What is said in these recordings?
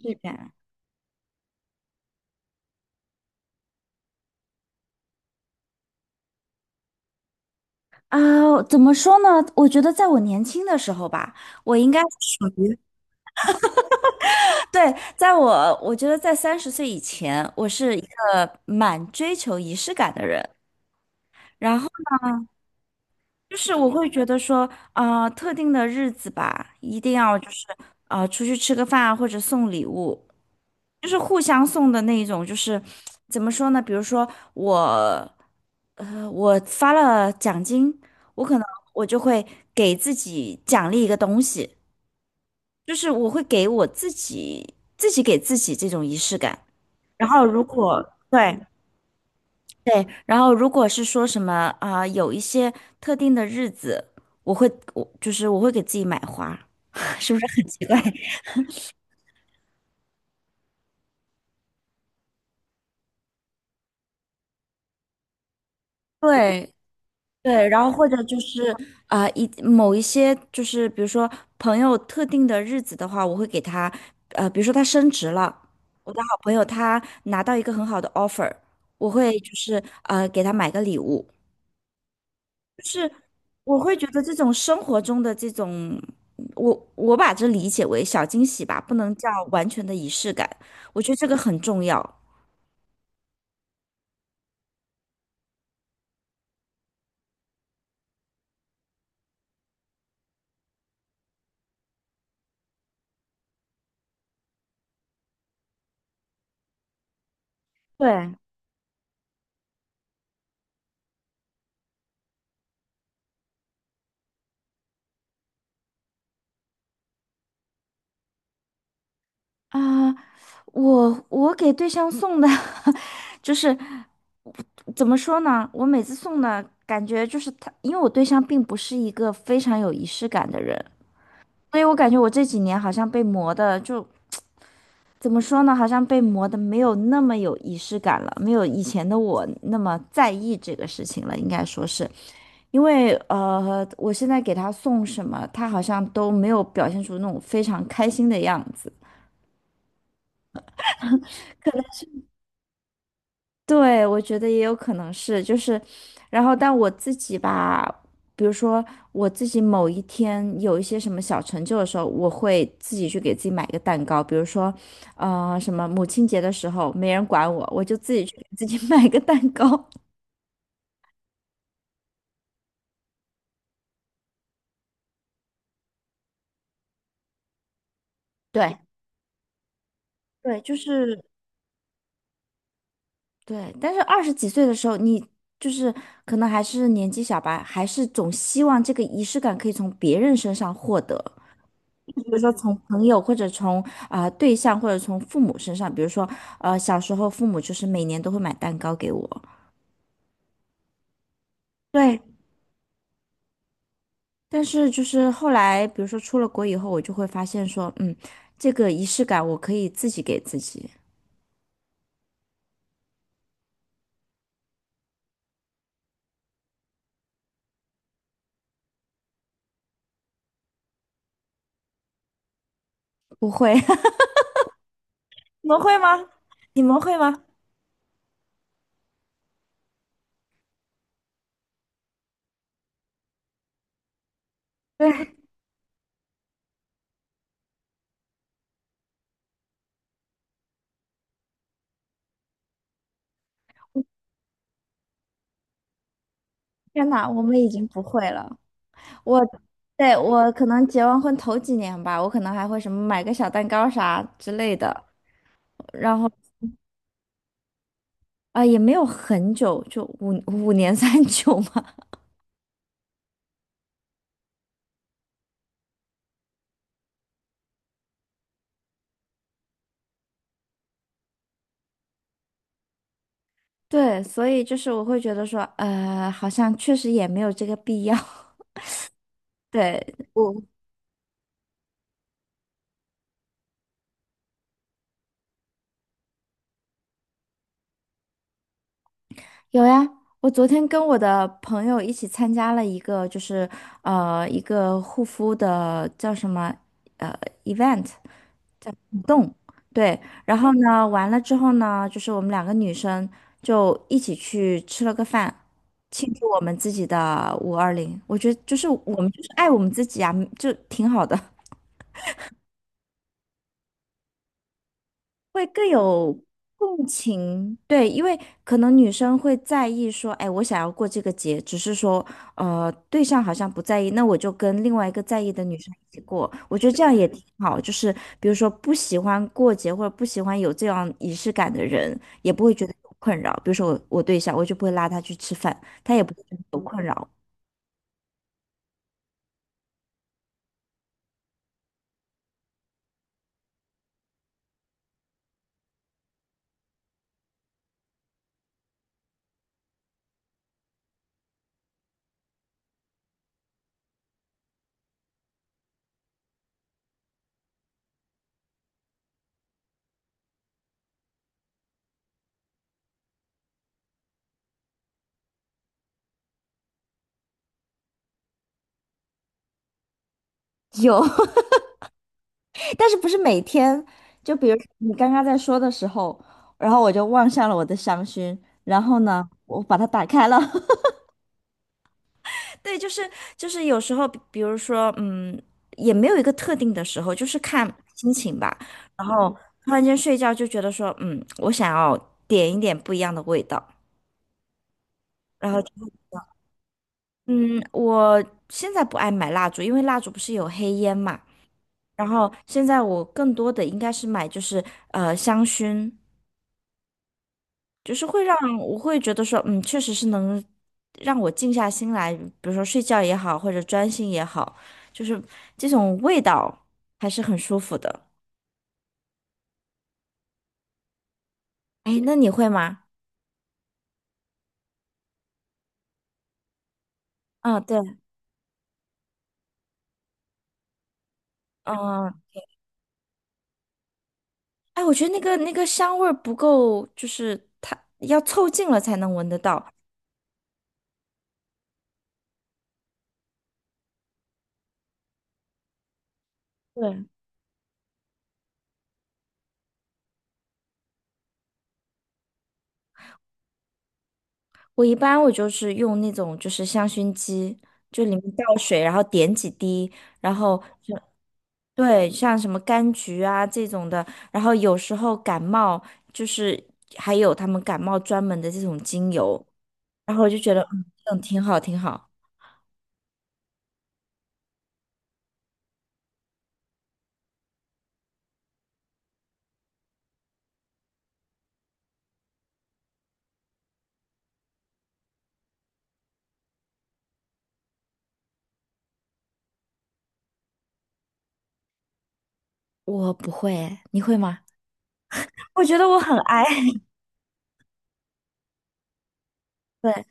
是的。怎么说呢？我觉得在我年轻的时候吧，我应该是属于，对，我觉得在30岁以前，我是一个蛮追求仪式感的人。然后。就是我会觉得说，特定的日子吧，一定要出去吃个饭啊或者送礼物，就是互相送的那一种。就是怎么说呢？比如说我，我发了奖金，我可能我就会给自己奖励一个东西，就是我会给我自己给自己这种仪式感。然后如果对。对，然后如果是说什么啊、有一些特定的日子，我会我就是我会给自己买花，是不是很奇怪？对，对，然后或者就是啊、呃一某一些就是比如说朋友特定的日子的话，我会给他比如说他升职了，我的好朋友他拿到一个很好的 offer,我会给他买个礼物。是。我会觉得这种生活中的这种，我把这理解为小惊喜吧，不能叫完全的仪式感，我觉得这个很重要。对啊，我给对象送的，就是怎么说呢？我每次送的感觉就是他，因为我对象并不是一个非常有仪式感的人，所以我感觉我这几年好像被磨的就。怎么说呢？好像被磨的没有那么有仪式感了，没有以前的我那么在意这个事情了，应该说是。因为我现在给他送什么，他好像都没有表现出那种非常开心的样子。对，我觉得也有可能是，然后但我自己吧，比如说我自己某一天有一些什么小成就的时候，我会自己去给自己买一个蛋糕，比如说，什么母亲节的时候没人管我，我就自己去给自己 买个蛋糕。对，对，就是。对，但是二十几岁的时候，你就是可能还是年纪小吧，还是总希望这个仪式感可以从别人身上获得，比如说从朋友或者从对象或者从父母身上，比如说小时候父母就是每年都会买蛋糕给我。对，但是就是后来比如说出了国以后，我就会发现说，这个仪式感我可以自己给自己。不会，你们会吗？你们会吗？对，天哪，我们已经不会了。我对我可能结完婚头几年吧，我可能还会什么买个小蛋糕啥之类的，然后也没有很久，就五五年三九嘛。对，所以就是我会觉得说，好像确实也没有这个必要。对，我有呀，我昨天跟我的朋友一起参加了一个，就是一个护肤的叫什么呃 event,动，对，然后呢，完了之后呢，就是我们两个女生就一起去吃了个饭，庆祝我们自己的520。我觉得就是我们就是爱我们自己啊，就挺好的。会更有共情，对，因为可能女生会在意说，哎，我想要过这个节，只是说，对象好像不在意，那我就跟另外一个在意的女生一起过，我觉得这样也挺好。就是比如说不喜欢过节或者不喜欢有这样仪式感的人，也不会觉得有困扰。比如说我对象，我就不会拉他去吃饭，他也不会觉得有困扰。有。但是不是每天？就比如你刚刚在说的时候，然后我就望向了我的香薰，然后呢，我把它打开了。对，就是就是有时候，比如说，也没有一个特定的时候，就是看心情吧。然后突然间睡觉就觉得说，嗯，我想要点一点不一样的味道。然后就，嗯，我现在不爱买蜡烛，因为蜡烛不是有黑烟嘛。然后现在我更多的应该是买就是香薰，就是会让我会觉得说，嗯，确实是能让我静下心来，比如说睡觉也好，或者专心也好，就是这种味道还是很舒服的。哎，那你会吗？嗯，对。嗯，哎，我觉得那个香味儿不够，就是它要凑近了才能闻得到。对，我一般就是用那种就是香薰机，就里面倒水，然后点几滴，然后就对，像什么柑橘啊这种的，然后有时候感冒就是还有他们感冒专门的这种精油，然后我就觉得嗯，这种挺好挺好。我不会诶你会吗？我觉得我很爱。对，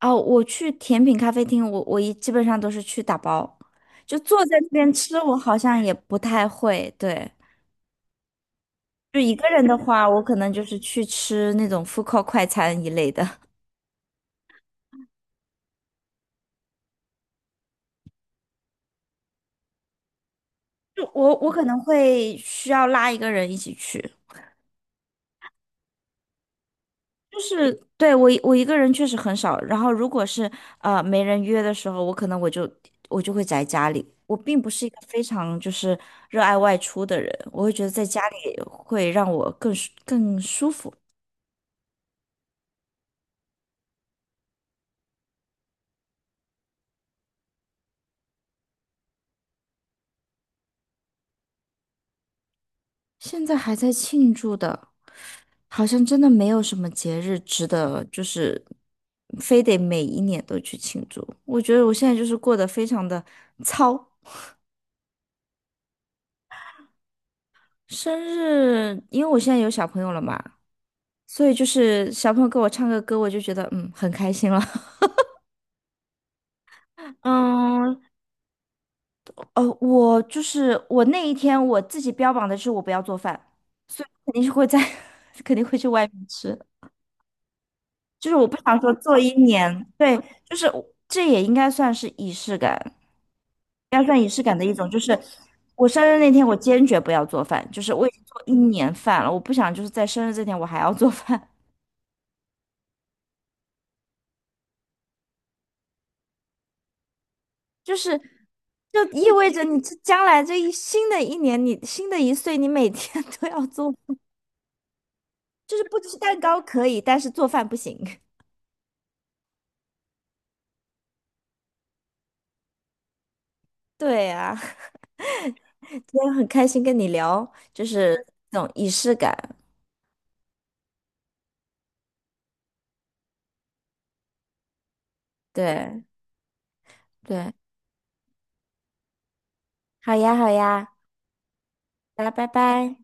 哦，我去甜品咖啡厅，我基本上都是去打包，就坐在那边吃，我好像也不太会。对，就一个人的话，我可能就是去吃那种 food court 快餐一类的。就我可能会需要拉一个人一起去。就是对我一个人确实很少，然后如果是没人约的时候，我可能我就我就会宅家里。我并不是一个非常就是热爱外出的人，我会觉得在家里会让我更舒更舒服。现在还在庆祝的，好像真的没有什么节日值得就是非得每一年都去庆祝。我觉得我现在就是过得非常的糙。生日，因为我现在有小朋友了嘛，所以就是小朋友给我唱个歌，我就觉得嗯很开心了。嗯，哦，我就是我那一天我自己标榜的是我不要做饭，所以肯定是会在 肯定会去外面吃。就是我不想说做一年，对，就是我这也应该算是仪式感，应该算仪式感的一种。就是我生日那天，我坚决不要做饭，就是我已经做一年饭了，我不想就是在生日这天我还要做饭。就是就意味着你这将来这一新的一年，你新的一岁，你每天 都要做，就是不吃蛋糕可以，但是做饭不行。对啊，今天很开心跟你聊，就是这种仪式感。对对，好呀好呀，大家拜拜。